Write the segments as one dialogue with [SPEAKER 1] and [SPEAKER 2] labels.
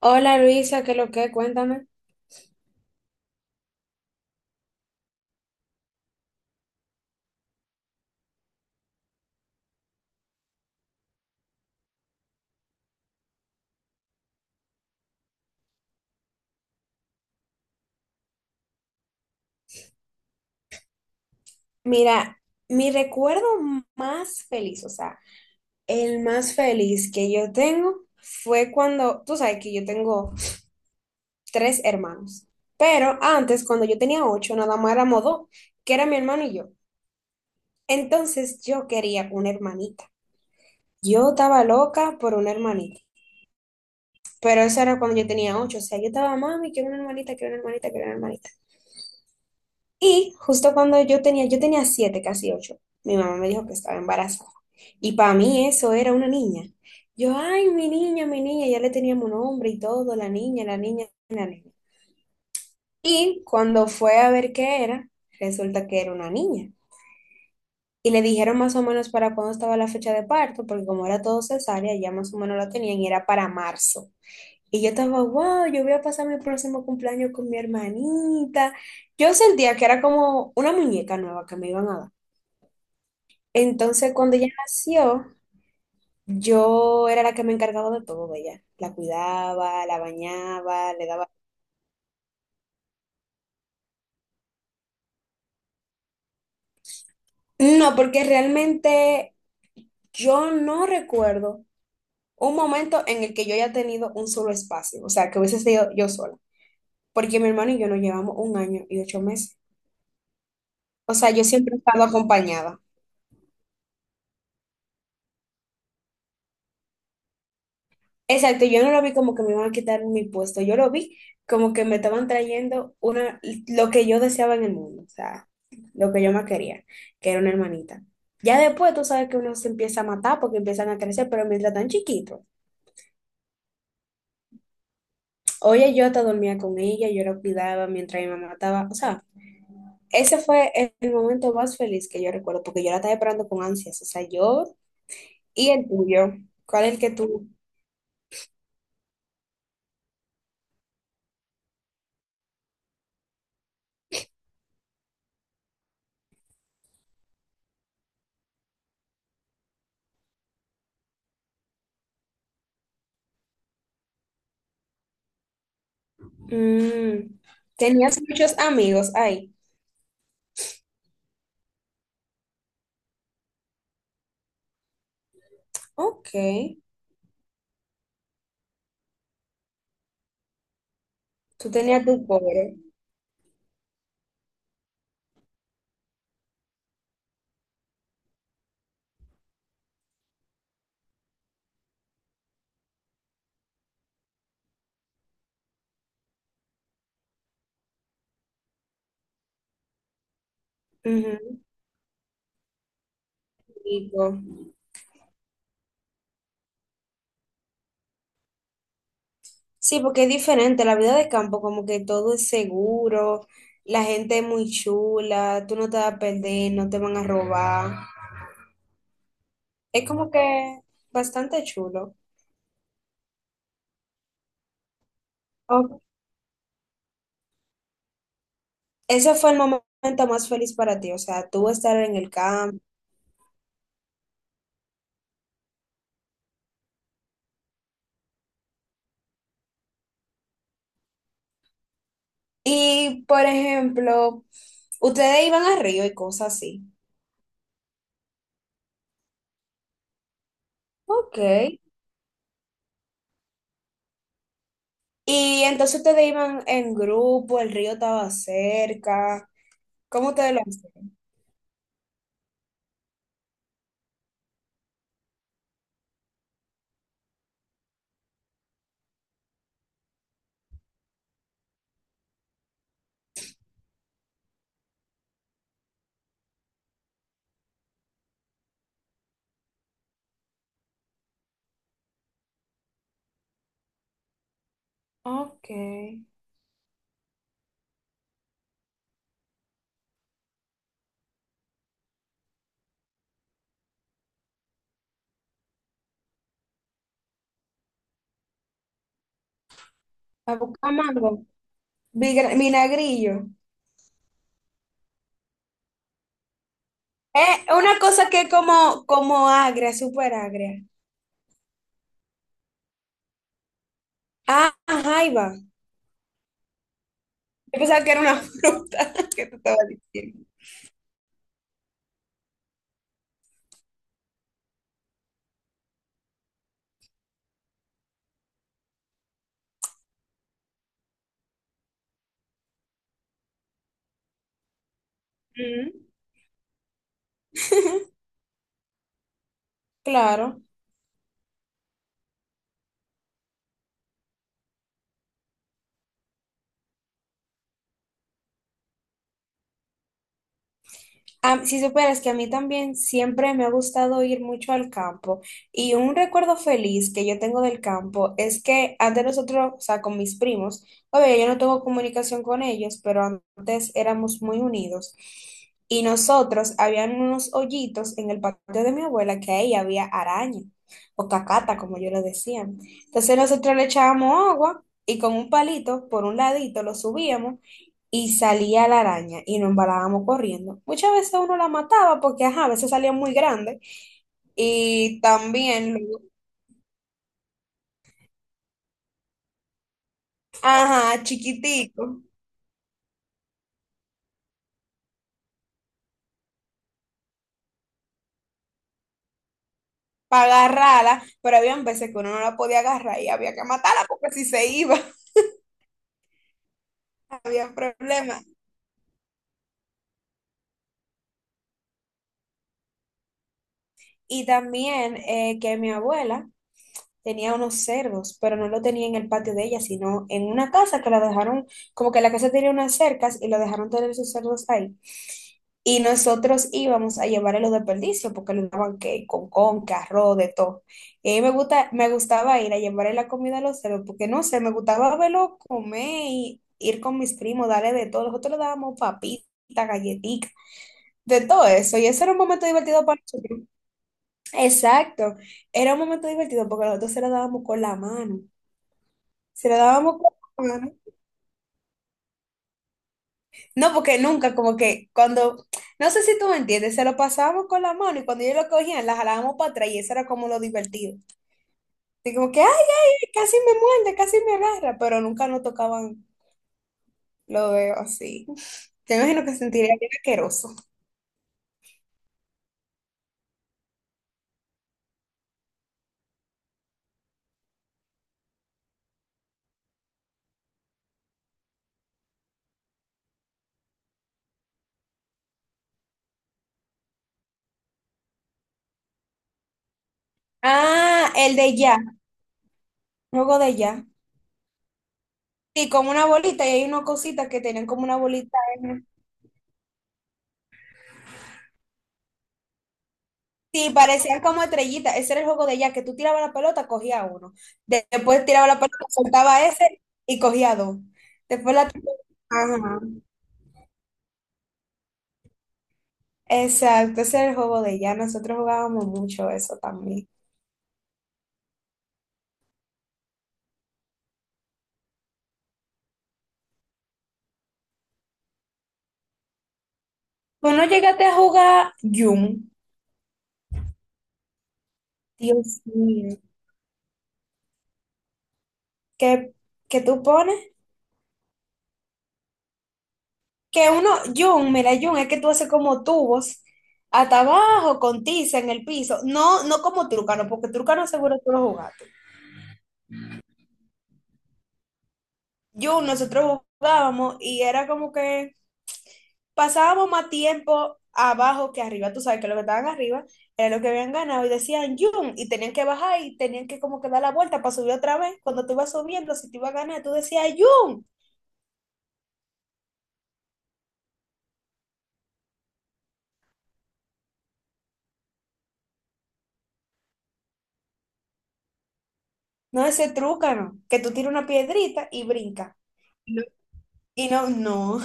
[SPEAKER 1] Hola Luisa, ¿qué lo que? Cuéntame. Mira, mi recuerdo más feliz, o sea, el más feliz que yo tengo fue cuando, tú sabes que yo tengo tres hermanos, pero antes, cuando yo tenía 8, nada más éramos dos, que era mi hermano y yo. Entonces yo quería una hermanita. Yo estaba loca por una hermanita, pero eso era cuando yo tenía 8, o sea, yo estaba, mami, quiero una hermanita, quiero una hermanita, quiero una hermanita. Y justo cuando yo tenía 7, casi 8, mi mamá me dijo que estaba embarazada. Y para mí eso era una niña. Yo, ay, mi niña, ya le teníamos nombre y todo, la niña, la niña, la niña. Y cuando fue a ver qué era, resulta que era una niña. Y le dijeron más o menos para cuándo estaba la fecha de parto, porque como era todo cesárea, ya más o menos la tenían y era para marzo. Y yo estaba, wow, yo voy a pasar mi próximo cumpleaños con mi hermanita. Yo sentía que era como una muñeca nueva que me iban a dar. Entonces, cuando ella nació, yo era la que me encargaba de todo de ella. La cuidaba, la bañaba, le daba... No, porque realmente yo no recuerdo un momento en el que yo haya tenido un solo espacio, o sea, que hubiese sido yo sola, porque mi hermano y yo nos llevamos 1 año y 8 meses. O sea, yo siempre he estado acompañada. Exacto, yo no lo vi como que me iban a quitar mi puesto, yo lo vi como que me estaban trayendo una, lo que yo deseaba en el mundo, o sea, lo que yo más quería, que era una hermanita. Ya después tú sabes que uno se empieza a matar porque empiezan a crecer, pero mientras tan chiquito, oye, yo hasta dormía con ella, yo la cuidaba mientras mi mamá estaba, o sea, ese fue el momento más feliz que yo recuerdo, porque yo la estaba esperando con ansias, o sea, yo y el tuyo, ¿cuál es el que tú? Mm, tenías muchos amigos ahí, ok. Tú tenías tu pobre. Ujú. Rico. Sí, porque es diferente, la vida de campo, como que todo es seguro, la gente es muy chula, tú no te vas a perder, no te van a robar. Es como que bastante chulo. Ok. Ese fue el momento más feliz para ti, o sea, tú estar en el campo. Y, por ejemplo, ustedes iban al río y cosas así. Ok. Y entonces ustedes iban en grupo, el río estaba cerca. ¿Cómo ustedes lo hacían? Ok. A buscar mango, vinagrillo. Es una cosa que es como, como agria, súper agria. Ah, jaiba. Yo pensaba que era una fruta que te estaba diciendo. Mm. Claro. Si supieras que a mí también siempre me ha gustado ir mucho al campo y un recuerdo feliz que yo tengo del campo es que antes nosotros, o sea, con mis primos, obvio, yo no tengo comunicación con ellos, pero antes éramos muy unidos y nosotros habían unos hoyitos en el patio de mi abuela que ahí había araña o cacata, como yo lo decía. Entonces nosotros le echábamos agua y con un palito por un ladito lo subíamos y salía la araña y nos embalábamos corriendo. Muchas veces uno la mataba porque, ajá, a veces salía muy grande y también, luego, ajá, chiquitico, para agarrarla, pero había veces que uno no la podía agarrar y había que matarla porque si se iba había problemas. Y también que mi abuela tenía unos cerdos, pero no lo tenía en el patio de ella, sino en una casa que la dejaron, como que la casa tenía unas cercas y la dejaron tener sus cerdos ahí. Y nosotros íbamos a llevarle los desperdicios porque le daban que con arroz, de todo. Y a mí me gusta, me gustaba ir a llevarle la comida a los cerdos porque no sé, me gustaba verlo comer y ir con mis primos, darle de todo. Nosotros le dábamos papitas, galletitas, de todo eso. Y ese era un momento divertido para nosotros. Exacto. Era un momento divertido porque nosotros se lo dábamos con la mano. Se lo dábamos con la mano. No, porque nunca, como que cuando, no sé si tú me entiendes, se lo pasábamos con la mano y cuando ellos lo cogían, la jalábamos para atrás y eso era como lo divertido. Y como que, ay, ay, casi me muerde, casi me agarra, pero nunca nos tocaban lo veo así. Te imagino que sentiría bien asqueroso. Ah, el de ya, juego de ya. Sí, como una bolita y hay una cosita que tenían como una bolita. Sí, parecían como estrellitas. Ese era el juego de ella, que tú tirabas la pelota, cogía uno. Después tiraba la pelota, soltaba ese y cogía dos. Después la... Ajá. Exacto, ese era el juego de ella. Nosotros jugábamos mucho eso también. Pues no llegaste a jugar Yum. Dios mío. ¿Qué, qué tú pones? Que uno, Yum, mira, Yum, es que tú haces como tubos hasta abajo con tiza en el piso. No, no como trucano, porque trucano seguro tú lo jugaste. Jun, nosotros jugábamos y era como que pasábamos más tiempo abajo que arriba. Tú sabes que los que estaban arriba era lo que habían ganado y decían Jun y tenían que bajar y tenían que como que dar la vuelta para subir otra vez. Cuando tú ibas subiendo, si te ibas a ganar, tú decías Jun. No ese no que tú tiras una piedrita y brinca. No, y no, no,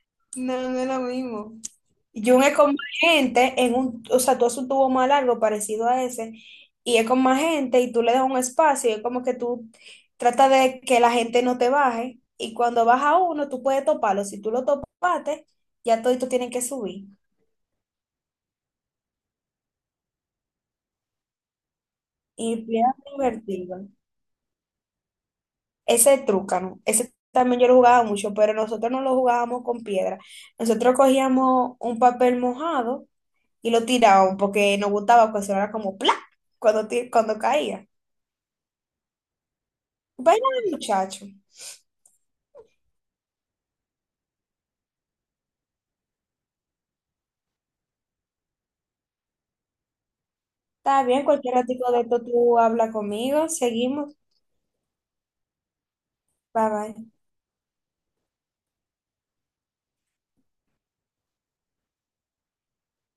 [SPEAKER 1] no, no es lo mismo. Y un es con más gente, en un, o sea, tú haces un tubo más largo parecido a ese, y es con más gente, y tú le das un espacio, y es como que tú tratas de que la gente no te baje, y cuando baja uno, tú puedes toparlo. Si tú lo topaste, ya todos tienen que subir. Y bien divertido. Ese trucano, ese también yo lo jugaba mucho, pero nosotros no lo jugábamos con piedra. Nosotros cogíamos un papel mojado y lo tirábamos porque nos gustaba que sonara como ¡plá! Cuando, cuando caía. Vaya muchacho. Está bien, cualquier ratico de esto tú habla conmigo. Seguimos. Bye bye.